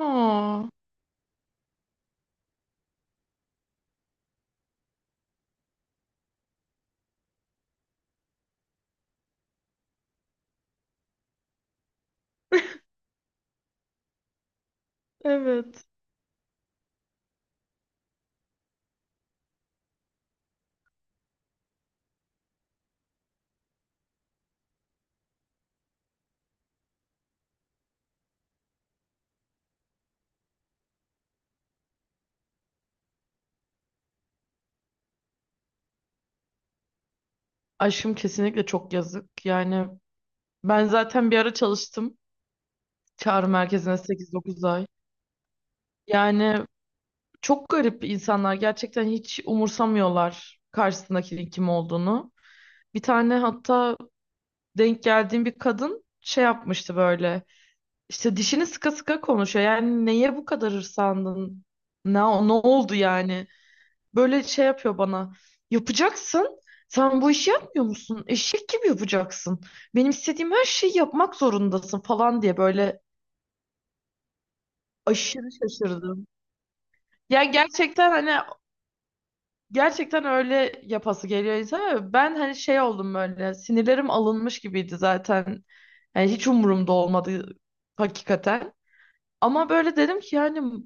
Aa, evet. Aşkım kesinlikle çok yazık. Yani ben zaten bir ara çalıştım çağrı merkezine 8 9 ay. Yani çok garip insanlar gerçekten hiç umursamıyorlar karşısındakinin kim olduğunu. Bir tane hatta denk geldiğim bir kadın şey yapmıştı böyle. İşte dişini sıka sıka konuşuyor. Yani neye bu kadar hırsandın? Ne, ne oldu yani? Böyle şey yapıyor bana. Yapacaksın. Sen bu işi yapmıyor musun? Eşek gibi yapacaksın. Benim istediğim her şeyi yapmak zorundasın falan diye böyle aşırı şaşırdım. Yani gerçekten hani gerçekten öyle yapası geliyor insana. Ben hani şey oldum böyle sinirlerim alınmış gibiydi zaten. Yani hiç umurumda olmadı hakikaten. Ama böyle dedim ki yani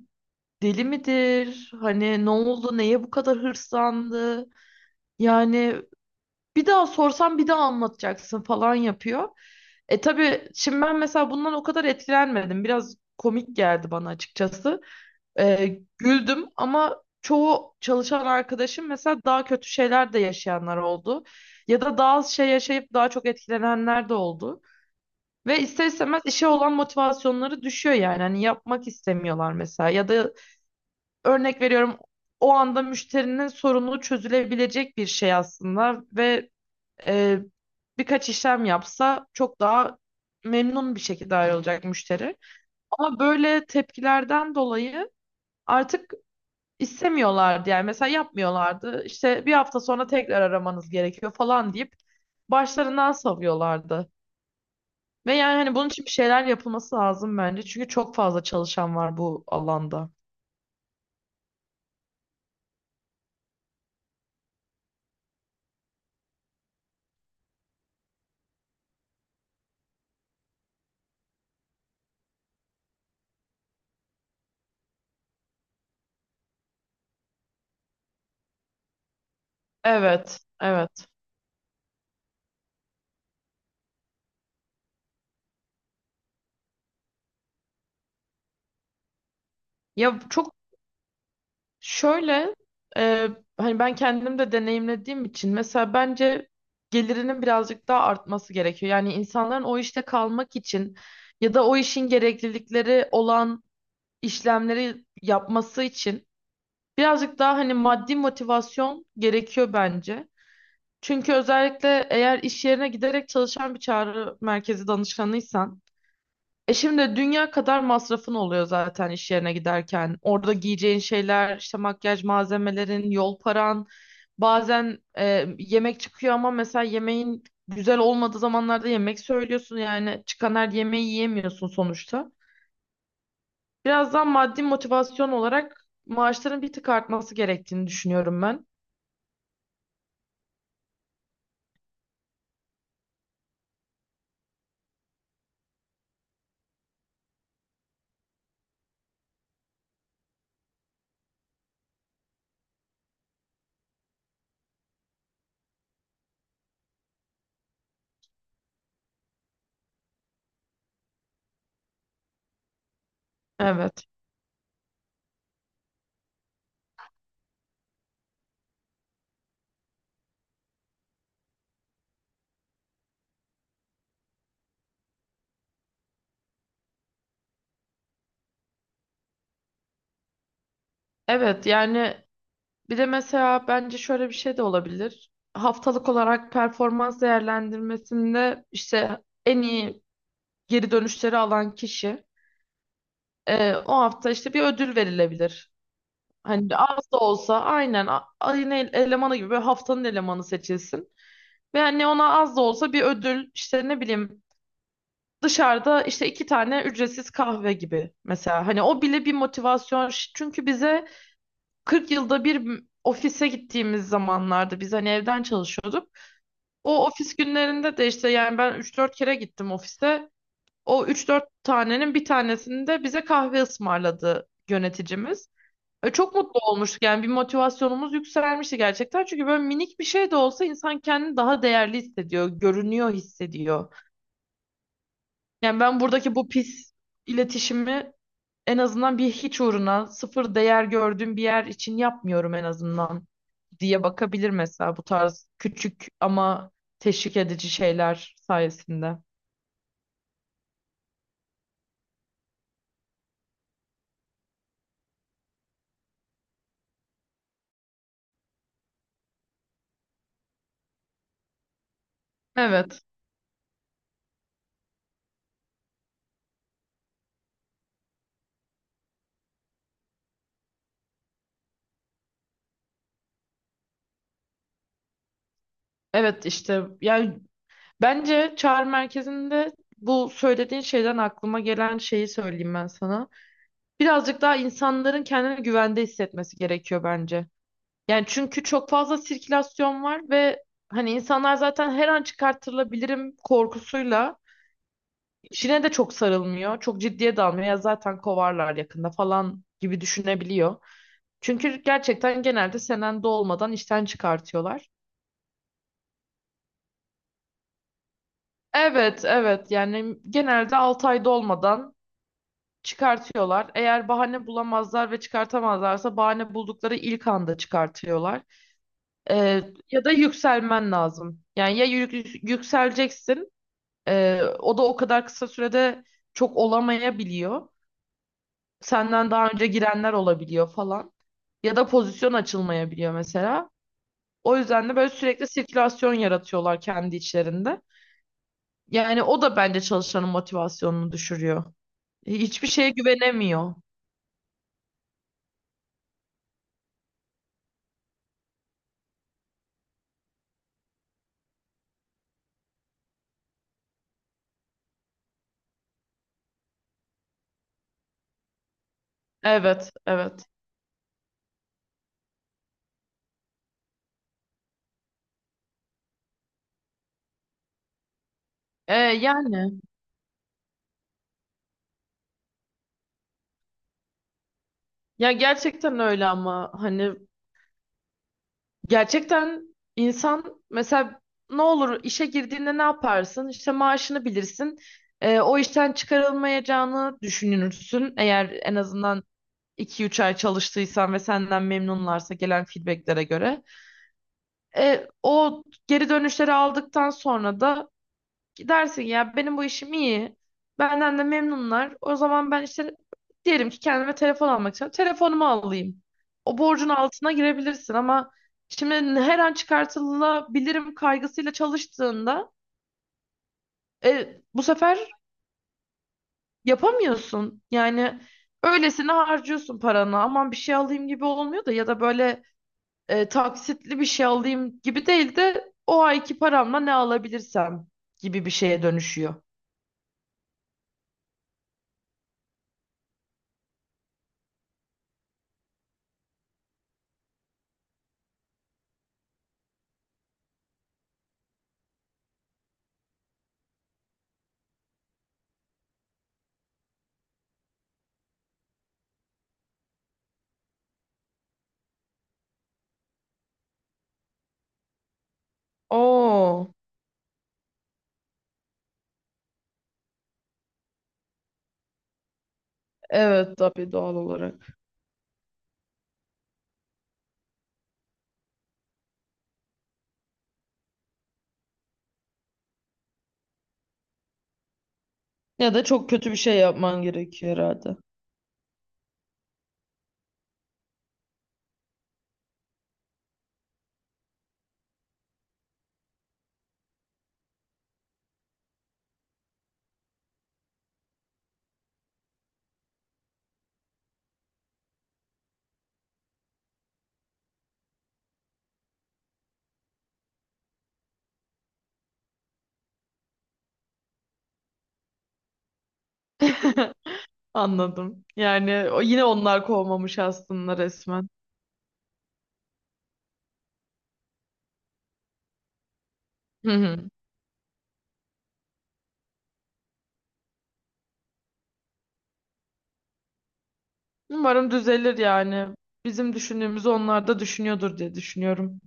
deli midir? Hani ne oldu? Neye bu kadar hırslandı? Yani bir daha sorsam bir daha anlatacaksın falan yapıyor. E tabii şimdi ben mesela bundan o kadar etkilenmedim. Biraz komik geldi bana açıkçası. E, güldüm ama çoğu çalışan arkadaşım mesela daha kötü şeyler de yaşayanlar oldu. Ya da daha az şey yaşayıp daha çok etkilenenler de oldu. Ve ister istemez işe olan motivasyonları düşüyor yani. Hani yapmak istemiyorlar mesela. Ya da örnek veriyorum o anda müşterinin sorunu çözülebilecek bir şey aslında ve e, birkaç işlem yapsa çok daha memnun bir şekilde ayrılacak müşteri. Ama böyle tepkilerden dolayı artık istemiyorlardı yani mesela yapmıyorlardı. İşte bir hafta sonra tekrar aramanız gerekiyor falan deyip başlarından savuyorlardı. Ve yani hani bunun için bir şeyler yapılması lazım bence. Çünkü çok fazla çalışan var bu alanda. Evet, evet. Ya çok Şöyle, e, hani ben kendim de deneyimlediğim için mesela bence gelirinin birazcık daha artması gerekiyor. Yani insanların o işte kalmak için ya da o işin gereklilikleri olan işlemleri yapması için birazcık daha hani maddi motivasyon gerekiyor bence. Çünkü özellikle eğer iş yerine giderek çalışan bir çağrı merkezi danışanıysan, şimdi dünya kadar masrafın oluyor zaten iş yerine giderken. Orada giyeceğin şeyler, işte makyaj malzemelerin, yol paran. Bazen yemek çıkıyor ama mesela yemeğin güzel olmadığı zamanlarda yemek söylüyorsun. Yani çıkan her yemeği yiyemiyorsun sonuçta. Birazdan maddi motivasyon olarak maaşların bir tık artması gerektiğini düşünüyorum ben. Evet. Evet yani bir de mesela bence şöyle bir şey de olabilir. Haftalık olarak performans değerlendirmesinde işte en iyi geri dönüşleri alan kişi o hafta işte bir ödül verilebilir. Hani az da olsa aynen ayın elemanı gibi böyle haftanın elemanı seçilsin. Ve hani ona az da olsa bir ödül işte ne bileyim dışarıda işte iki tane ücretsiz kahve gibi mesela. Hani o bile bir motivasyon. Çünkü bize 40 yılda bir ofise gittiğimiz zamanlarda biz hani evden çalışıyorduk. O ofis günlerinde de işte yani ben 3-4 kere gittim ofise. O 3-4 tanenin bir tanesini de bize kahve ısmarladı yöneticimiz. E, çok mutlu olmuştuk yani bir motivasyonumuz yükselmişti gerçekten. Çünkü böyle minik bir şey de olsa insan kendini daha değerli hissediyor, görünüyor hissediyor. Yani ben buradaki bu pis iletişimi en azından bir hiç uğruna sıfır değer gördüğüm bir yer için yapmıyorum en azından diye bakabilir mesela bu tarz küçük ama teşvik edici şeyler sayesinde. Evet, evet, işte yani bence çağrı merkezinde bu söylediğin şeyden aklıma gelen şeyi söyleyeyim ben sana. Birazcık daha insanların kendini güvende hissetmesi gerekiyor bence. Yani çünkü çok fazla sirkülasyon var ve hani insanlar zaten her an çıkartılabilirim korkusuyla işine de çok sarılmıyor. Çok ciddiye de almıyor. Ya zaten kovarlar yakında falan gibi düşünebiliyor. Çünkü gerçekten genelde senende olmadan işten çıkartıyorlar. Evet, evet. Yani genelde 6 ayda olmadan çıkartıyorlar. Eğer bahane bulamazlar ve çıkartamazlarsa bahane buldukları ilk anda çıkartıyorlar. Ee, Ya da yükselmen lazım. Yani ya yükseleceksin, o da o kadar kısa sürede çok olamayabiliyor. Senden daha önce girenler olabiliyor falan. Ya da pozisyon açılmayabiliyor mesela. O yüzden de böyle sürekli sirkülasyon yaratıyorlar kendi içlerinde. Yani o da bence çalışanın motivasyonunu düşürüyor. Hiçbir şeye güvenemiyor. Evet, evet. E, yani ya gerçekten öyle ama hani gerçekten insan mesela ne olur işe girdiğinde ne yaparsın? İşte maaşını bilirsin. E, o işten çıkarılmayacağını düşünürsün. Eğer en azından 2-3 ay çalıştıysan ve senden memnunlarsa gelen feedbacklere göre. E, o geri dönüşleri aldıktan sonra da dersin ya benim bu işim iyi. Benden de memnunlar. O zaman ben işte diyelim ki kendime telefon almak istiyorum. Telefonumu alayım. O borcun altına girebilirsin ama şimdi her an çıkartılabilirim kaygısıyla çalıştığında bu sefer yapamıyorsun. Yani öylesine harcıyorsun paranı. Aman bir şey alayım gibi olmuyor da ya da böyle taksitli bir şey alayım gibi değil de o ayki paramla ne alabilirsem gibi bir şeye dönüşüyor. Oo. Evet tabii doğal olarak. Ya da çok kötü bir şey yapman gerekiyor herhalde. Anladım. Yani yine onlar kovmamış aslında resmen. Hı hı. Umarım düzelir yani. Bizim düşündüğümüzü onlar da düşünüyordur diye düşünüyorum.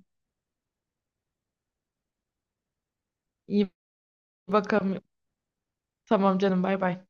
İyi bakalım. Tamam canım bay bay.